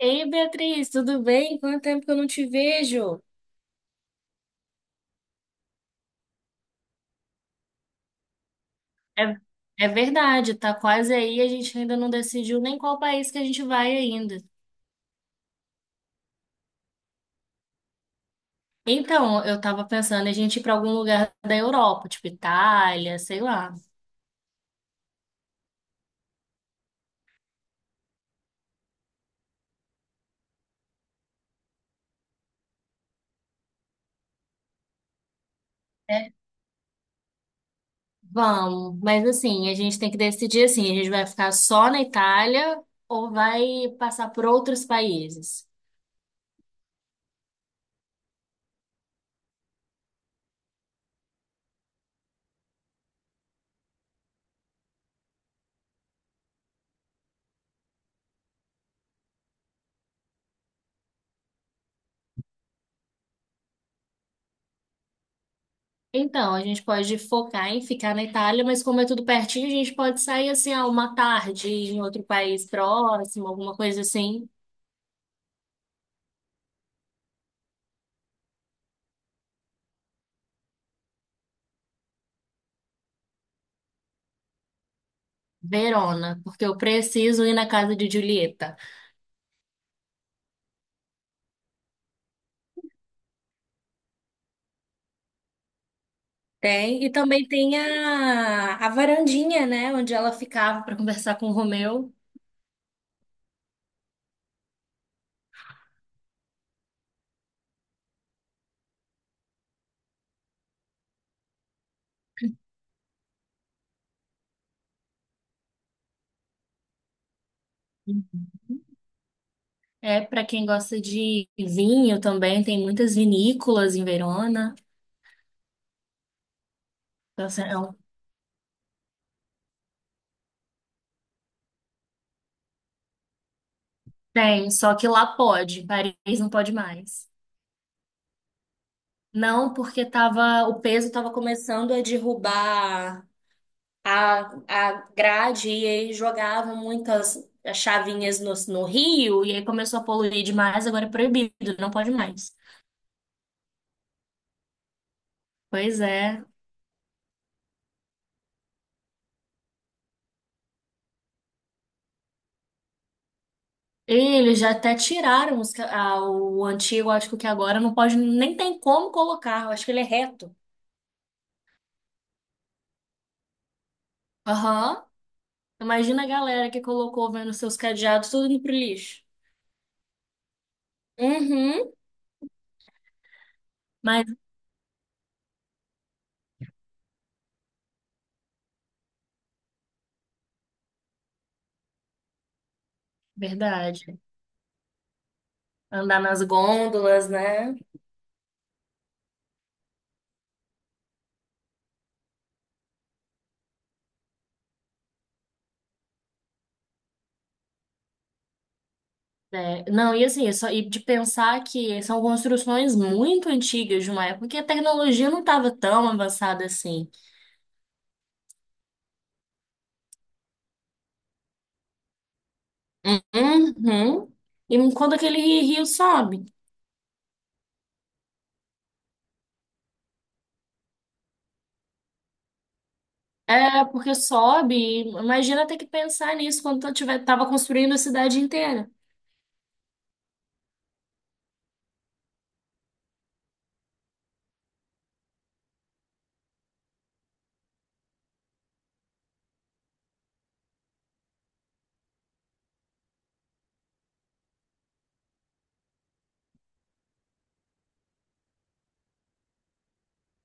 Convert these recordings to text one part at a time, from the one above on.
Ei, Beatriz, tudo bem? Quanto tempo que eu não te vejo? É, é verdade, tá quase aí, a gente ainda não decidiu nem qual país que a gente vai ainda. Então, eu tava pensando em a gente ir pra algum lugar da Europa, tipo Itália, sei lá. É, vamos, mas assim, a gente tem que decidir assim, a gente vai ficar só na Itália ou vai passar por outros países? Então, a gente pode focar em ficar na Itália, mas como é tudo pertinho, a gente pode sair assim, ah, uma tarde em outro país próximo, alguma coisa assim. Verona, porque eu preciso ir na casa de Julieta. Tem, e também tem a varandinha, né, onde ela ficava para conversar com o Romeu. É, para quem gosta de vinho também, tem muitas vinícolas em Verona. Então, assim, tem, só que lá pode, em Paris não pode mais. Não, porque tava, o peso tava começando a derrubar a, a grade e aí jogavam muitas chavinhas no rio e aí começou a poluir demais, agora é proibido, não pode mais. Pois é. E eles já até tiraram ah, o antigo, acho que agora não pode, nem tem como colocar, eu acho que ele é reto. Aham. Imagina a galera que colocou vendo seus cadeados tudo indo pro lixo. Uhum. Mas, verdade. Andar nas gôndolas, né? É, não, e assim, é só, e de pensar que são construções muito antigas de uma época que a tecnologia não estava tão avançada assim. Uhum. E quando aquele rio sobe? É, porque sobe, e imagina ter que pensar nisso quando eu tiver, tava construindo a cidade inteira.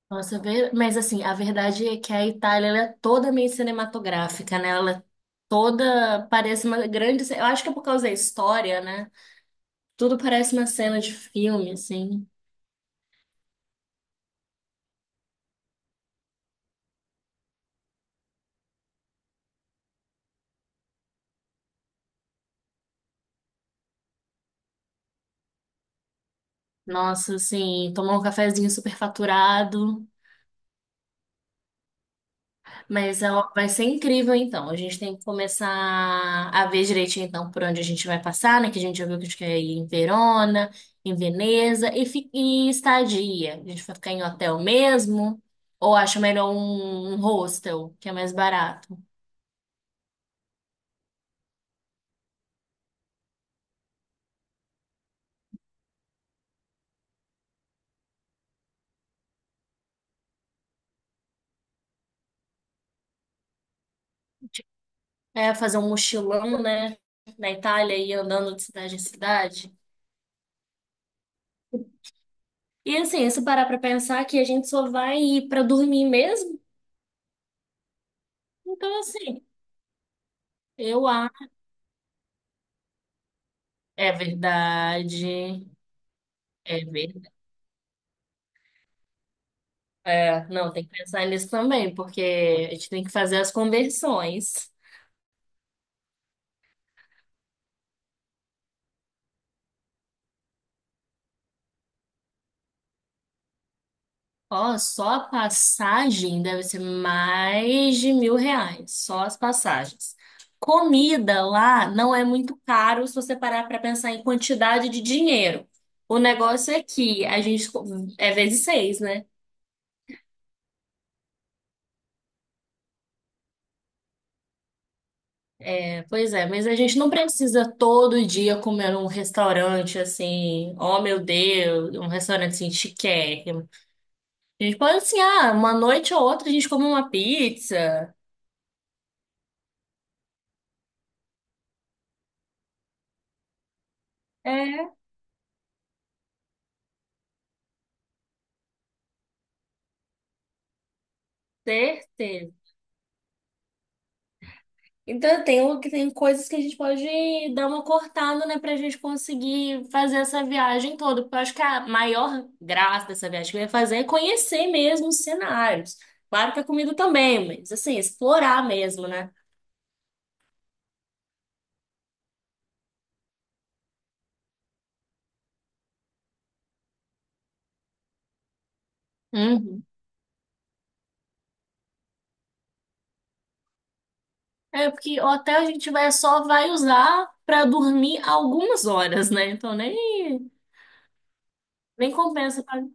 Nossa, mas assim, a verdade é que a Itália, ela é toda meio cinematográfica, né? Ela é toda, parece uma grande. Eu acho que é por causa da história, né? Tudo parece uma cena de filme, assim. Nossa, assim, tomar um cafezinho super faturado. Mas é, ó, vai ser incrível, então. A gente tem que começar a ver direitinho, então, por onde a gente vai passar, né? Que a gente já viu que a gente quer ir em Verona, em Veneza e estadia. A gente vai ficar em hotel mesmo? Ou acha melhor um hostel, que é mais barato? É, fazer um mochilão, né? Na Itália e ir andando de cidade em cidade. E assim, se parar pra pensar que a gente só vai ir pra dormir mesmo, então assim. Eu acho. É verdade. É verdade. É, não, tem que pensar nisso também, porque a gente tem que fazer as conversões. Ó, só a passagem deve ser mais de 1.000 reais. Só as passagens. Comida lá não é muito caro se você parar para pensar em quantidade de dinheiro. O negócio é que a gente é vezes seis, né? Pois é, mas a gente não precisa todo dia comer num restaurante assim, oh meu Deus, um restaurante assim chiquérrimo. A gente pode assim, ah, uma noite ou outra a gente come uma pizza. É, certeza. Então tem coisas que a gente pode dar uma cortada, né, pra gente conseguir fazer essa viagem toda. Porque eu acho que a maior graça dessa viagem que eu ia fazer é conhecer mesmo os cenários. Claro que a comida também, mas assim, explorar mesmo, né? É porque o hotel a gente vai só vai usar pra dormir algumas horas, né? Então nem compensa pagar.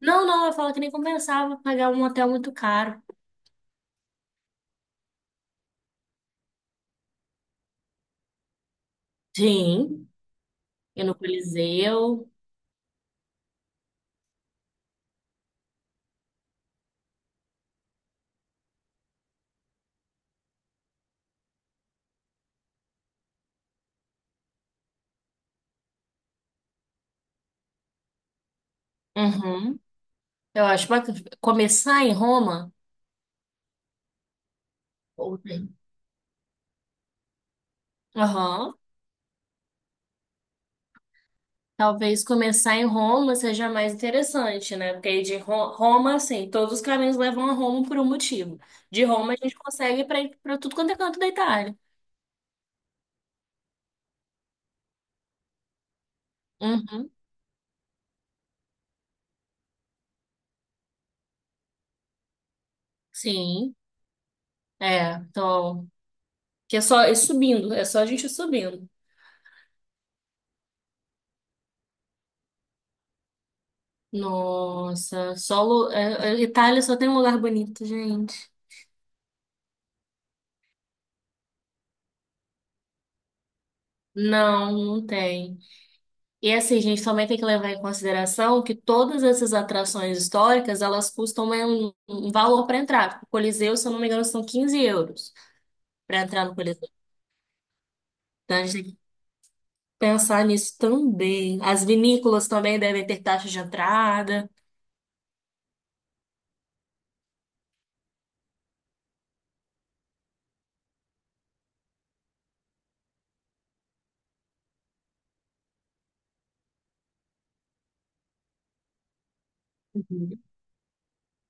Não, não, eu falo que nem compensava pagar um hotel muito caro. Sim, e no Coliseu. Uhum. Eu acho bacana começar em Roma. Ou tem. Aham. Talvez começar em Roma seja mais interessante, né? Porque aí de Roma, assim, todos os caminhos levam a Roma por um motivo. De Roma a gente consegue para ir para tudo quanto é canto da Itália. Uhum. Sim. É, então, que é só é subindo, é só a gente ir subindo. Nossa, solo, é, é, Itália só tem um lugar bonito, gente. Não, não tem. E assim, gente, também tem que levar em consideração que todas essas atrações históricas, elas custam né, um valor para entrar. Tipo, o Coliseu, se eu não me engano, são 15 euros para entrar no Coliseu. Então, a gente tem que pensar nisso também. As vinícolas também devem ter taxa de entrada.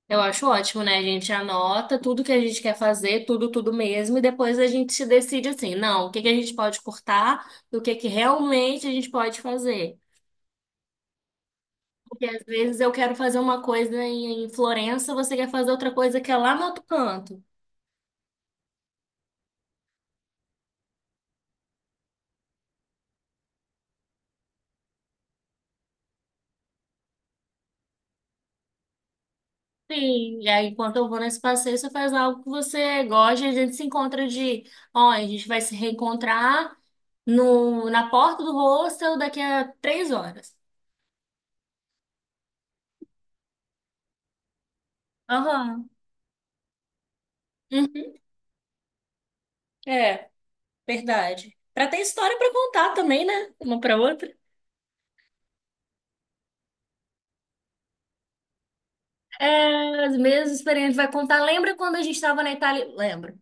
Eu acho ótimo, né? A gente anota tudo que a gente quer fazer, tudo, tudo mesmo, e depois a gente se decide assim, não, o que que a gente pode cortar e o que que realmente a gente pode fazer. Porque às vezes eu quero fazer uma coisa em Florença, você quer fazer outra coisa que é lá no outro canto. Sim, e aí enquanto eu vou nesse passeio, você faz algo que você gosta, e a gente se encontra de, ó, a gente vai se reencontrar no, na porta do hostel daqui a 3 horas. Aham. Uhum. É. Verdade. Pra ter história pra contar também, né? Uma pra outra. É, as mesmas experiências vai contar. Lembra quando a gente estava na Itália? Lembro.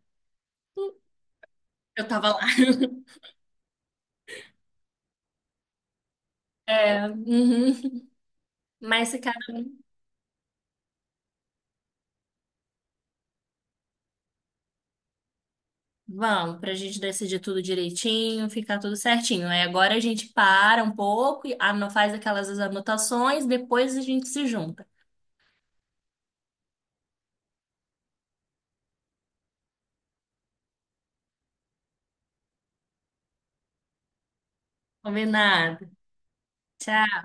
Eu tava lá. É, uhum. Mas, cara, vamos, pra gente decidir tudo direitinho, ficar tudo certinho. Aí agora a gente para um pouco, e faz aquelas anotações, depois a gente se junta. Combinado. Tchau.